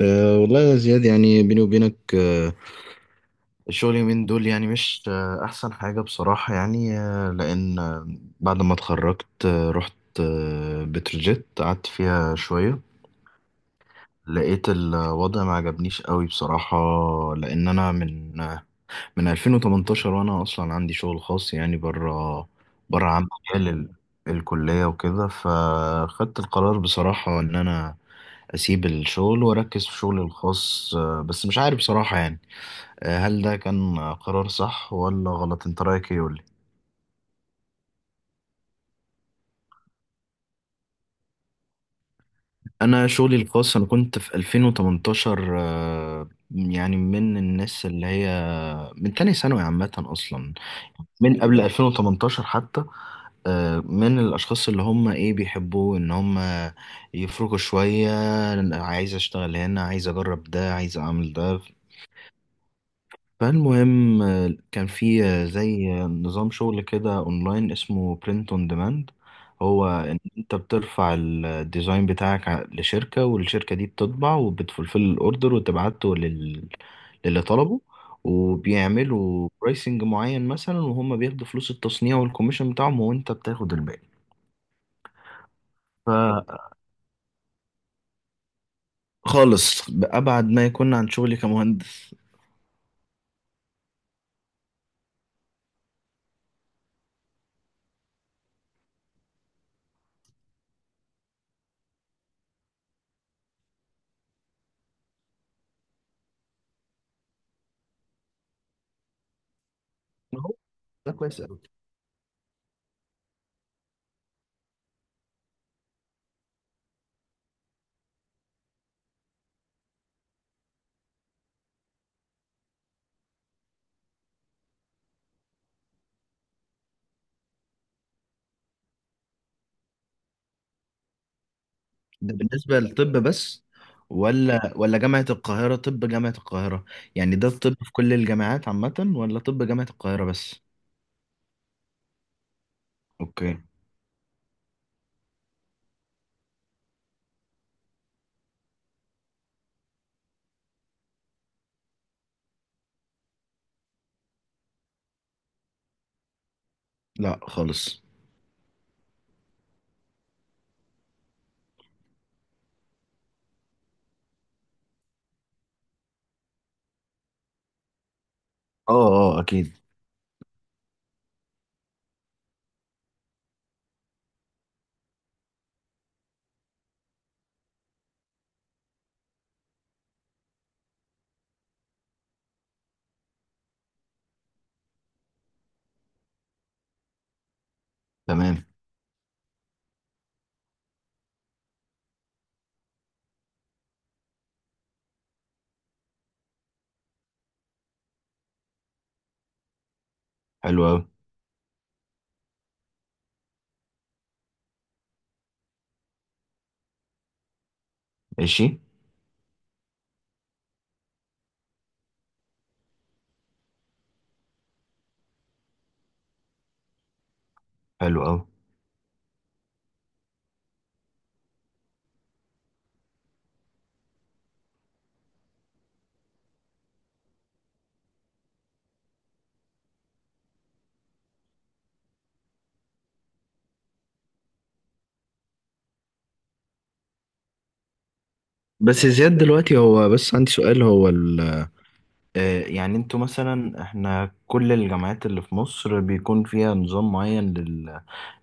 والله يا زياد، يعني بيني وبينك الشغل اليومين دول يعني مش أحسن حاجة بصراحة. يعني أه لأن أه بعد ما اتخرجت رحت بتروجيت، قعدت فيها شوية، لقيت الوضع ما عجبنيش قوي بصراحة. لأن أنا من 2018 وأنا أصلا عندي شغل خاص يعني بره، بره عن مجال الكلية وكده. فخدت القرار بصراحة إن أنا أسيب الشغل وأركز في شغلي الخاص. بس مش عارف بصراحة يعني، هل ده كان قرار صح ولا غلط؟ انت رايك ايه؟ قولي. انا شغلي الخاص، انا كنت في 2018 يعني من الناس اللي هي من تاني ثانوي عامة اصلا، من قبل 2018 حتى. من الاشخاص اللي هم ايه، بيحبوا ان هم يفرقوا شوية. عايز اشتغل هنا، عايز اجرب ده، عايز اعمل ده. فالمهم آه، كان في آه، زي آه، نظام شغل كده اونلاين اسمه برنت اون ديماند. هو ان انت بترفع الديزاين بتاعك لشركة، والشركة دي بتطبع وبتفلفل الاوردر وتبعته للي طلبه، وبيعملوا برايسنج معين مثلا، وهم بياخدوا فلوس التصنيع والكوميشن بتاعهم، وانت بتاخد الباقي. فخالص بأبعد ما يكون عن شغلي كمهندس. هو ده كويس أوي؟ ده بالنسبة للطب بس ولا جامعة القاهرة؟ طب جامعة القاهرة، يعني ده الطب في كل الجامعات عامة ولا طب جامعة القاهرة بس؟ اوكي. لا خالص. اه. اه اكيد. تمام. حلو اوي. ماشي. حلو اوي. بس زياد دلوقتي، هو بس عندي سؤال، هو ال، يعني انتوا مثلا، احنا كل الجامعات اللي في مصر بيكون فيها نظام معين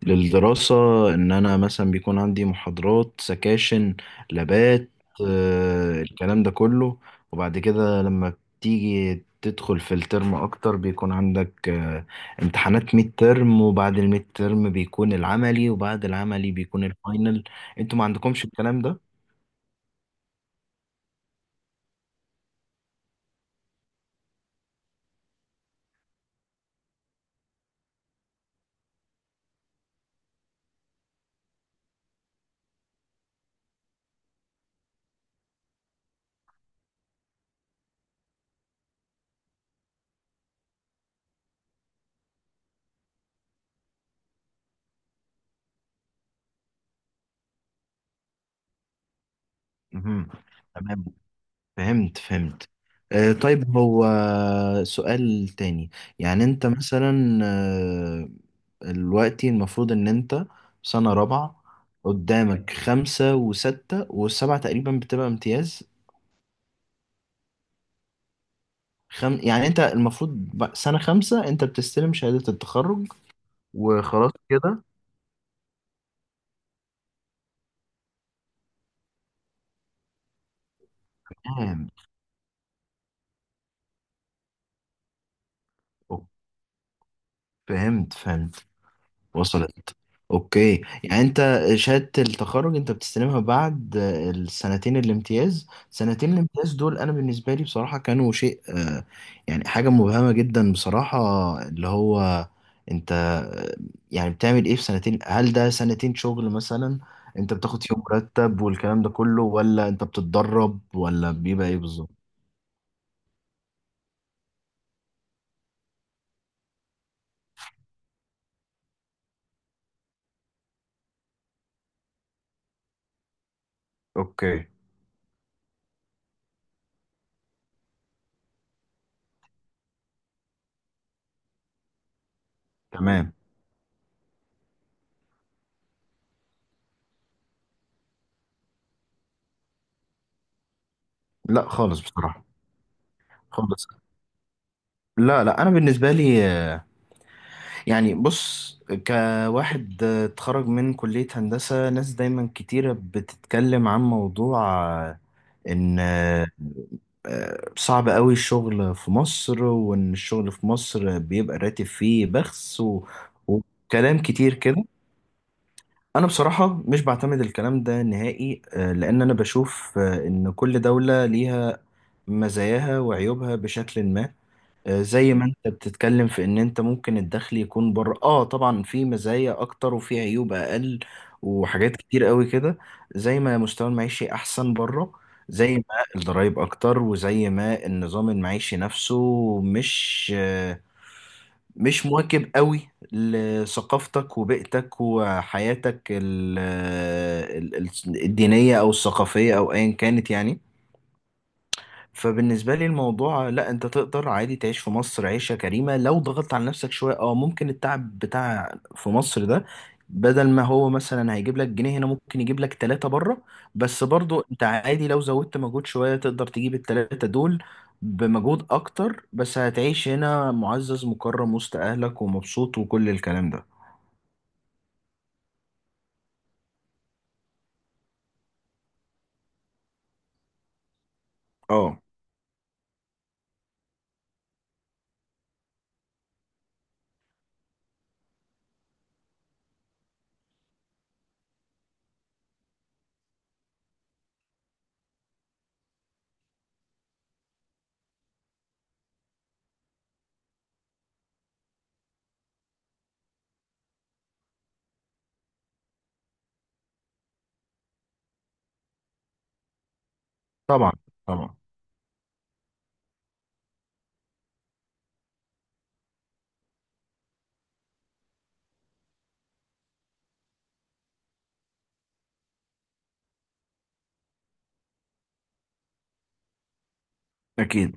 للدراسة، إن أنا مثلا بيكون عندي محاضرات، سكاشن، لابات، الكلام ده كله. وبعد كده لما بتيجي تدخل في الترم أكتر، بيكون عندك امتحانات ميد ترم، وبعد الميد ترم بيكون العملي، وبعد العملي بيكون الفاينل. أنتوا ما عندكمش الكلام ده؟ مهم. تمام. فهمت فهمت. طيب هو سؤال تاني، يعني أنت مثلا دلوقتي المفروض ان انت سنة رابعة، قدامك خمسة وستة، والسبعة تقريبا بتبقى امتياز. يعني انت المفروض سنة خمسة انت بتستلم شهادة التخرج وخلاص كده؟ تمام. أوك- فهمت فهمت. وصلت. اوكي، يعني انت شهادة التخرج انت بتستلمها بعد السنتين الامتياز. سنتين الامتياز دول انا بالنسبة لي بصراحة كانوا شيء يعني حاجة مبهمة جدا بصراحة. اللي هو انت يعني بتعمل ايه في سنتين؟ هل ده سنتين شغل مثلا؟ انت بتاخد فيهم مرتب والكلام ده كله، ولا انت بتتدرب، ولا بيبقى ايه بالظبط؟ اوكي. تمام. لا خالص بصراحة. خالص. لا انا بالنسبه لي، يعني بص، كواحد اتخرج من كلية هندسة، ناس دايما كتيرة بتتكلم عن موضوع آه، إن صعب قوي الشغل في مصر، وإن الشغل في مصر بيبقى الراتب فيه بخس و... وكلام كتير كده. أنا بصراحة مش بعتمد الكلام ده نهائي، لأن أنا بشوف إن كل دولة ليها مزاياها وعيوبها بشكل ما. زي ما انت بتتكلم في ان انت ممكن الدخل يكون بره، اه طبعا، في مزايا اكتر وفي عيوب اقل وحاجات كتير قوي كده. زي ما مستوى المعيشي احسن بره، زي ما الضرايب اكتر، وزي ما النظام المعيشي نفسه مش مش مواكب قوي لثقافتك وبيئتك وحياتك الدينية او الثقافية او ايا كانت، يعني. فبالنسبة لي الموضوع، لا، انت تقدر عادي تعيش في مصر عيشة كريمة لو ضغطت على نفسك شوية. اه ممكن التعب بتاع في مصر ده، بدل ما هو مثلا هيجيب لك جنيه هنا ممكن يجيب لك ثلاثة بره، بس برضو انت عادي لو زودت مجهود شوية تقدر تجيب الثلاثة دول بمجهود اكتر، بس هتعيش هنا معزز مكرم وسط اهلك ومبسوط وكل الكلام ده. اه. طبعا. طبعا. اكيد.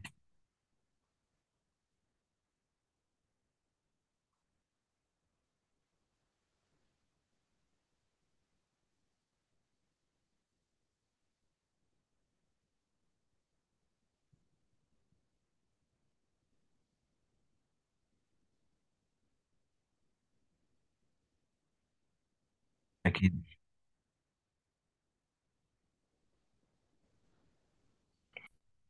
اكيد.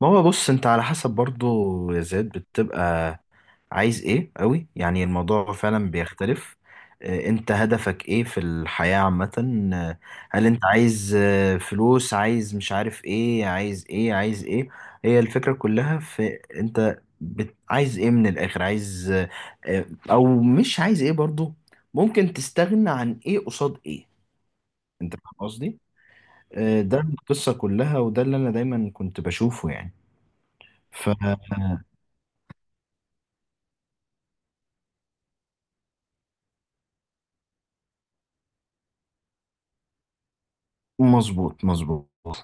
ما هو بص، انت على حسب برضو يا زياد، بتبقى عايز ايه قوي، يعني الموضوع فعلا بيختلف. انت هدفك ايه في الحياة عامة؟ آه، هل انت عايز فلوس، عايز مش عارف ايه، عايز ايه عايز ايه؟ هي الفكرة كلها في انت عايز ايه من الاخر؟ عايز او مش عايز ايه برضو؟ ممكن تستغنى عن ايه قصاد ايه؟ انت فاهم قصدي؟ ده القصة كلها، وده اللي انا دايما كنت بشوفه يعني. ف مظبوط مظبوط.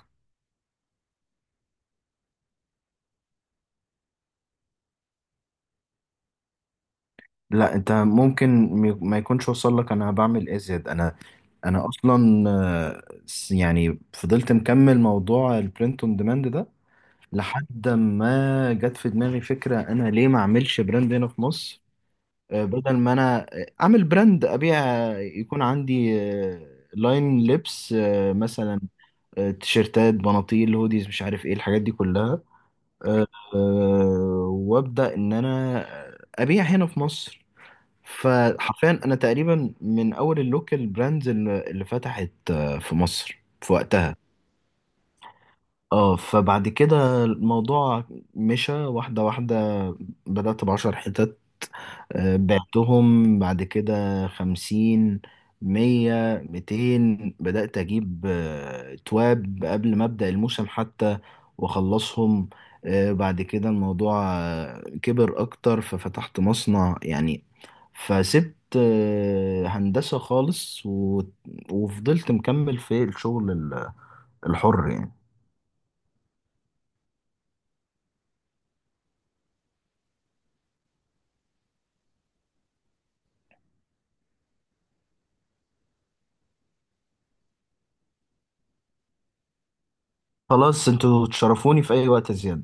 لا انت ممكن ما يكونش وصل لك انا بعمل ايه زياد. انا، انا اصلا يعني فضلت مكمل موضوع البرنت اون ديماند ده، لحد ما جت في دماغي فكرة: انا ليه ما اعملش براند هنا في مصر؟ بدل ما انا اعمل براند، ابيع، يكون عندي لاين لبس مثلا تيشيرتات، بناطيل، هوديز، مش عارف ايه الحاجات دي كلها. وابدا ان انا ابيع هنا في مصر. فحرفيا انا تقريبا من اول اللوكال براندز اللي فتحت في مصر في وقتها. اه. فبعد كده الموضوع مشى واحدة واحدة. بدأت بـ10 حتت، بعتهم، بعد كده 50، 100، 200. بدأت أجيب تواب قبل ما أبدأ الموسم حتى وأخلصهم. بعد كده الموضوع كبر أكتر ففتحت مصنع يعني. فسبت هندسة خالص و... وفضلت مكمل في الشغل الحر يعني. خلاص انتوا تشرفوني في أي وقت زيادة.